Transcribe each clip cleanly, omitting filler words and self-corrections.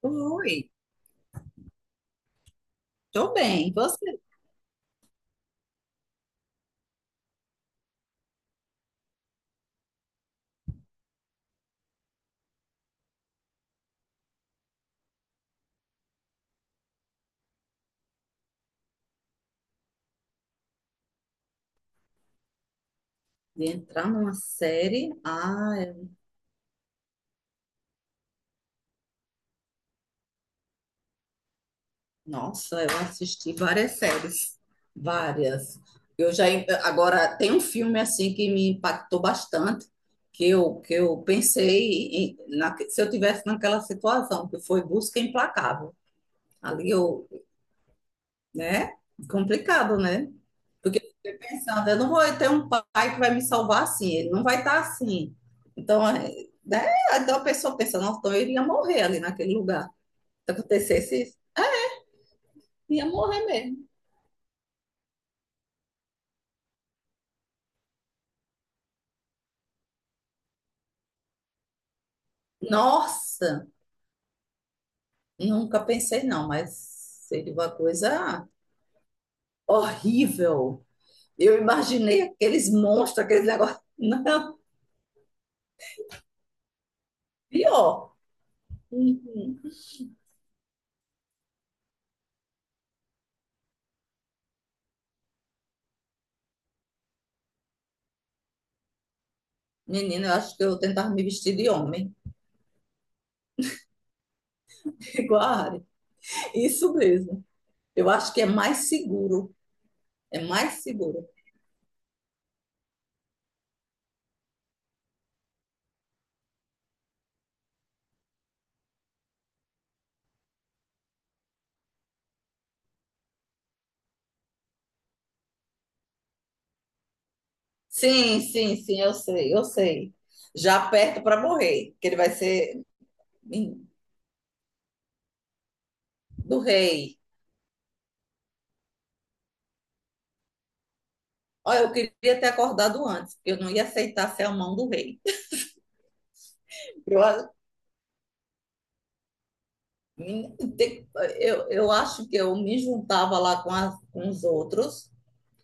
Oi, tô bem. E Você de entrar numa série? Ah, eu- nossa, eu assisti várias séries, várias. Eu já agora tem um filme assim que me impactou bastante, que eu pensei em- na- se eu tivesse naquela situação, que foi Busca Implacável. Ali eu, né? Complicado, né? Porque eu fiquei pensando, eu não vou ter um pai que vai me salvar assim, ele não vai estar assim. Então, é, né? Então a pessoa pensa, nossa, então eu iria morrer ali naquele lugar. Se acontecesse isso, ia morrer mesmo. Nossa, nunca pensei não, mas seria uma coisa horrível. Eu imaginei aqueles monstros, aqueles negócios. Não, pior. Uhum. Menina, eu acho que eu tentava me vestir de homem, igual a Ari. Isso mesmo. Eu acho que é mais seguro. É mais seguro. Sim, sim, sim, eu sei, eu sei. Já aperto para morrer, que ele vai ser em- do rei. Olha, eu queria ter acordado antes, porque eu não ia aceitar ser a mão do rei. Eu, a- me- te- eu acho que eu me juntava lá com, as- com os outros,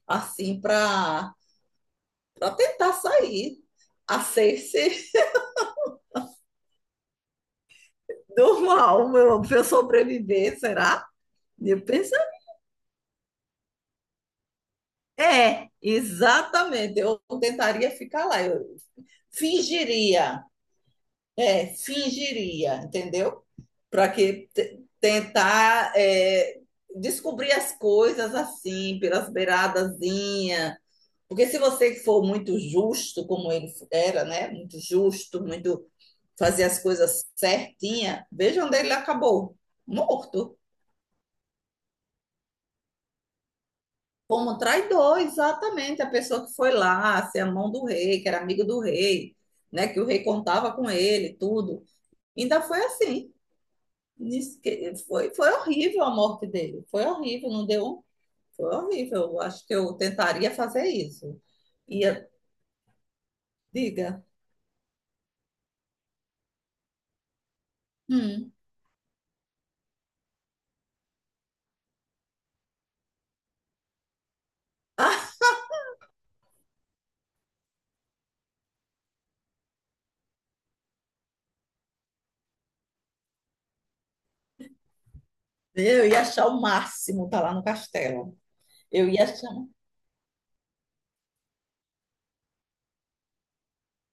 assim, para tentar sair a ser-se do mal, meu, para eu sobreviver, será? Eu é, exatamente. Eu tentaria ficar lá. Eu fingiria, é, fingiria, entendeu? Para que te- tentar é, descobrir as coisas assim, pelas beiradazinhas. Porque se você for muito justo, como ele era, né? Muito justo, muito fazer as coisas certinha, veja onde ele acabou, morto. Como traidor, exatamente, a pessoa que foi lá, ser a mão do rei, que era amigo do rei, né, que o rei contava com ele, tudo. Ainda foi assim. Diz que foi, foi horrível a morte dele, foi horrível, não deu, foi horrível. Eu acho que eu tentaria fazer isso. Ia, diga, hum, ah, eu ia achar o máximo estar lá no castelo. Eu ia achar,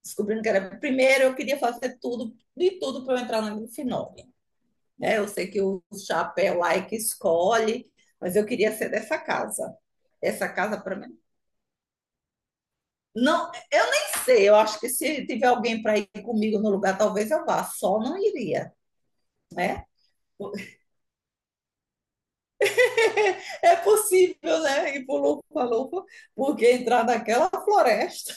descobrindo que era, primeiro eu queria fazer tudo, de tudo para eu entrar no final, né? Eu sei que o chapéu lá é que escolhe, mas eu queria ser dessa casa. Essa casa para mim. Não, eu nem sei. Eu acho que se tiver alguém para ir comigo no lugar, talvez eu vá. Só não iria, né? É possível, né? Ir por louco porque entrar naquela floresta.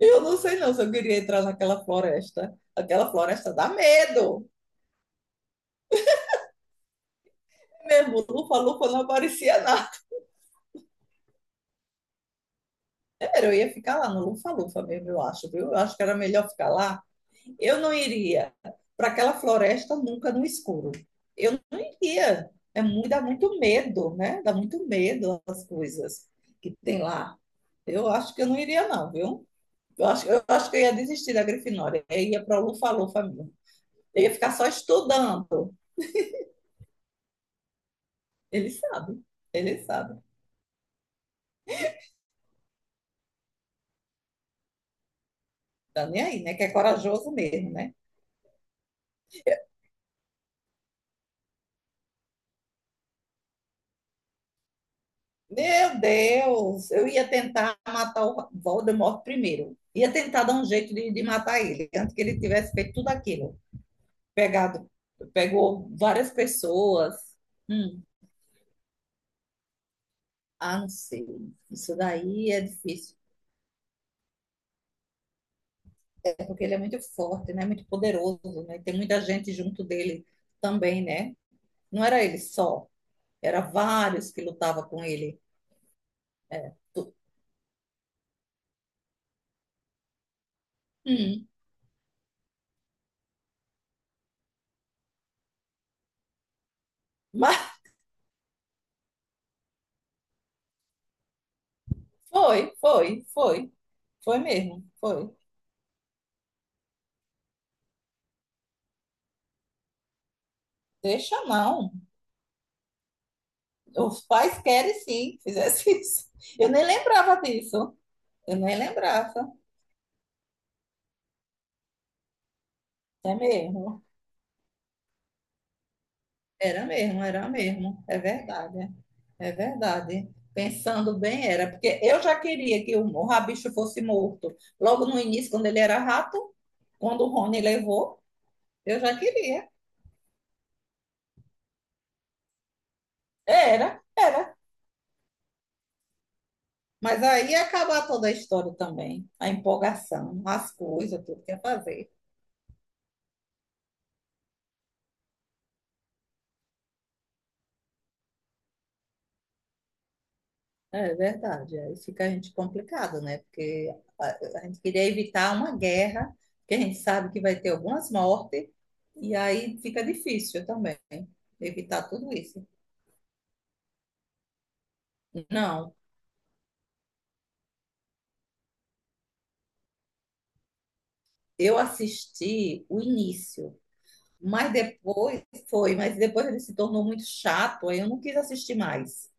Eu não sei não se eu queria entrar naquela floresta. Aquela floresta dá medo mesmo, Lufa-Lufa não aparecia nada. Eu ia ficar lá no Lufa-Lufa mesmo, eu acho, viu? Eu acho que era melhor ficar lá. Eu não iria para aquela floresta nunca no escuro. Eu não iria. É muito, dá muito medo, né? Dá muito medo as coisas que tem lá. Eu acho que eu não iria, não, viu? Eu acho que eu ia desistir da Grifinória. Eu ia para o Lufa-Lufa mesmo. Eu ia ficar só estudando. Ele sabe, ele sabe. Tá nem aí, né? Que é corajoso mesmo, né? Meu Deus, eu ia tentar matar o Voldemort primeiro. Ia tentar dar um jeito de matar ele, antes que ele tivesse feito tudo aquilo. Pegado, pegou várias pessoas. Hum, ah, não sei. Isso daí é difícil, é porque ele é muito forte, né? Muito poderoso, né? Tem muita gente junto dele também, né? Não era ele só, era vários que lutavam com ele. Tu- hum, mas foi, foi, foi, foi mesmo, foi. Deixa não. Os pais querem sim que fizesse isso. Eu nem lembrava disso. Eu nem lembrava. É mesmo. Era mesmo, era mesmo. É verdade. É. É verdade. Pensando bem, era. Porque eu já queria que o Rabicho fosse morto. Logo no início, quando ele era rato, quando o Rony levou, eu já queria. Era, era. Mas aí ia acabar toda a história também. A empolgação, as coisas, tudo que ia fazer. É verdade. Aí fica a gente complicado, né? Porque a gente queria evitar uma guerra, que a gente sabe que vai ter algumas mortes, e aí fica difícil também evitar tudo isso. Não, eu assisti o início, mas depois foi, mas depois ele se tornou muito chato, aí eu não quis assistir mais.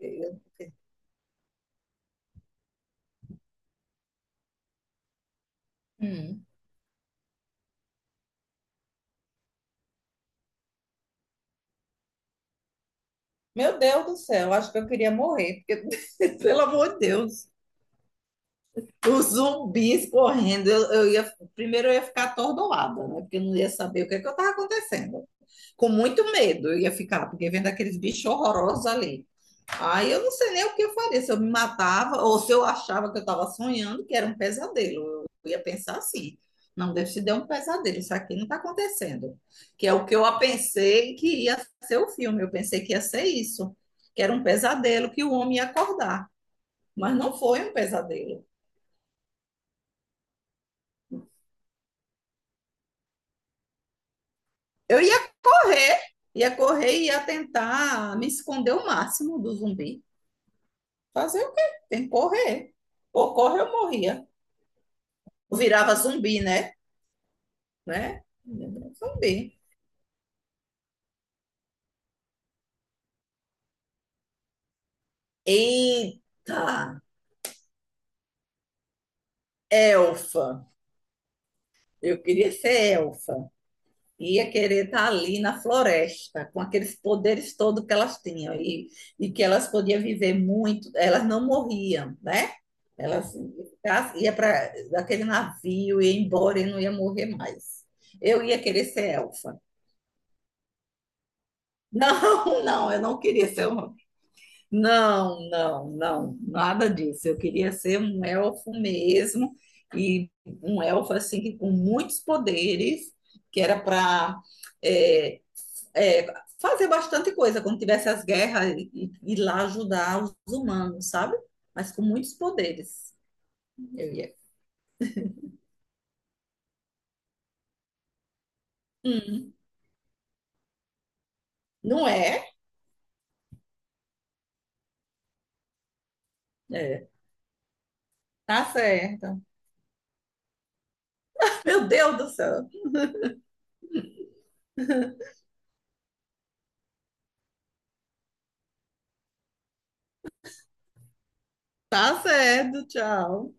Eu- hum. Meu Deus do céu, acho que eu queria morrer, porque, pelo amor de Deus, os zumbis correndo, eu ia, primeiro eu ia ficar atordoada, né? Porque eu não ia saber o que é que estava acontecendo. Com muito medo eu ia ficar, porque vendo aqueles bichos horrorosos ali. Aí eu não sei nem o que eu faria, se eu me matava ou se eu achava que eu estava sonhando, que era um pesadelo. Eu ia pensar assim: não, Deus te deu um pesadelo, isso aqui não está acontecendo. Que é o que eu pensei que ia ser o filme, eu pensei que ia ser isso, que era um pesadelo que o homem ia acordar, mas não foi um pesadelo. Eu ia correr e ia tentar me esconder o máximo do zumbi. Fazer o quê? Tem que correr. Ou corre, eu morria. Eu virava zumbi, né? Né? Vamos saber. Eita, elfa. Eu queria ser elfa. Ia querer estar ali na floresta, com aqueles poderes todos que elas tinham. E que elas podiam viver muito. Elas não morriam, né? Elas iam para aquele navio, ia embora e não ia morrer mais. Eu ia querer ser elfa. Não, não, eu não queria ser uma. Não, não, não, nada disso. Eu queria ser um elfo mesmo, e um elfo assim que com muitos poderes, que era para fazer bastante coisa quando tivesse as guerras e ir lá ajudar os humanos, sabe? Mas com muitos poderes. Eu ia. Hum, não é? É. Tá certo. Meu Deus do céu. Tá certo, tchau.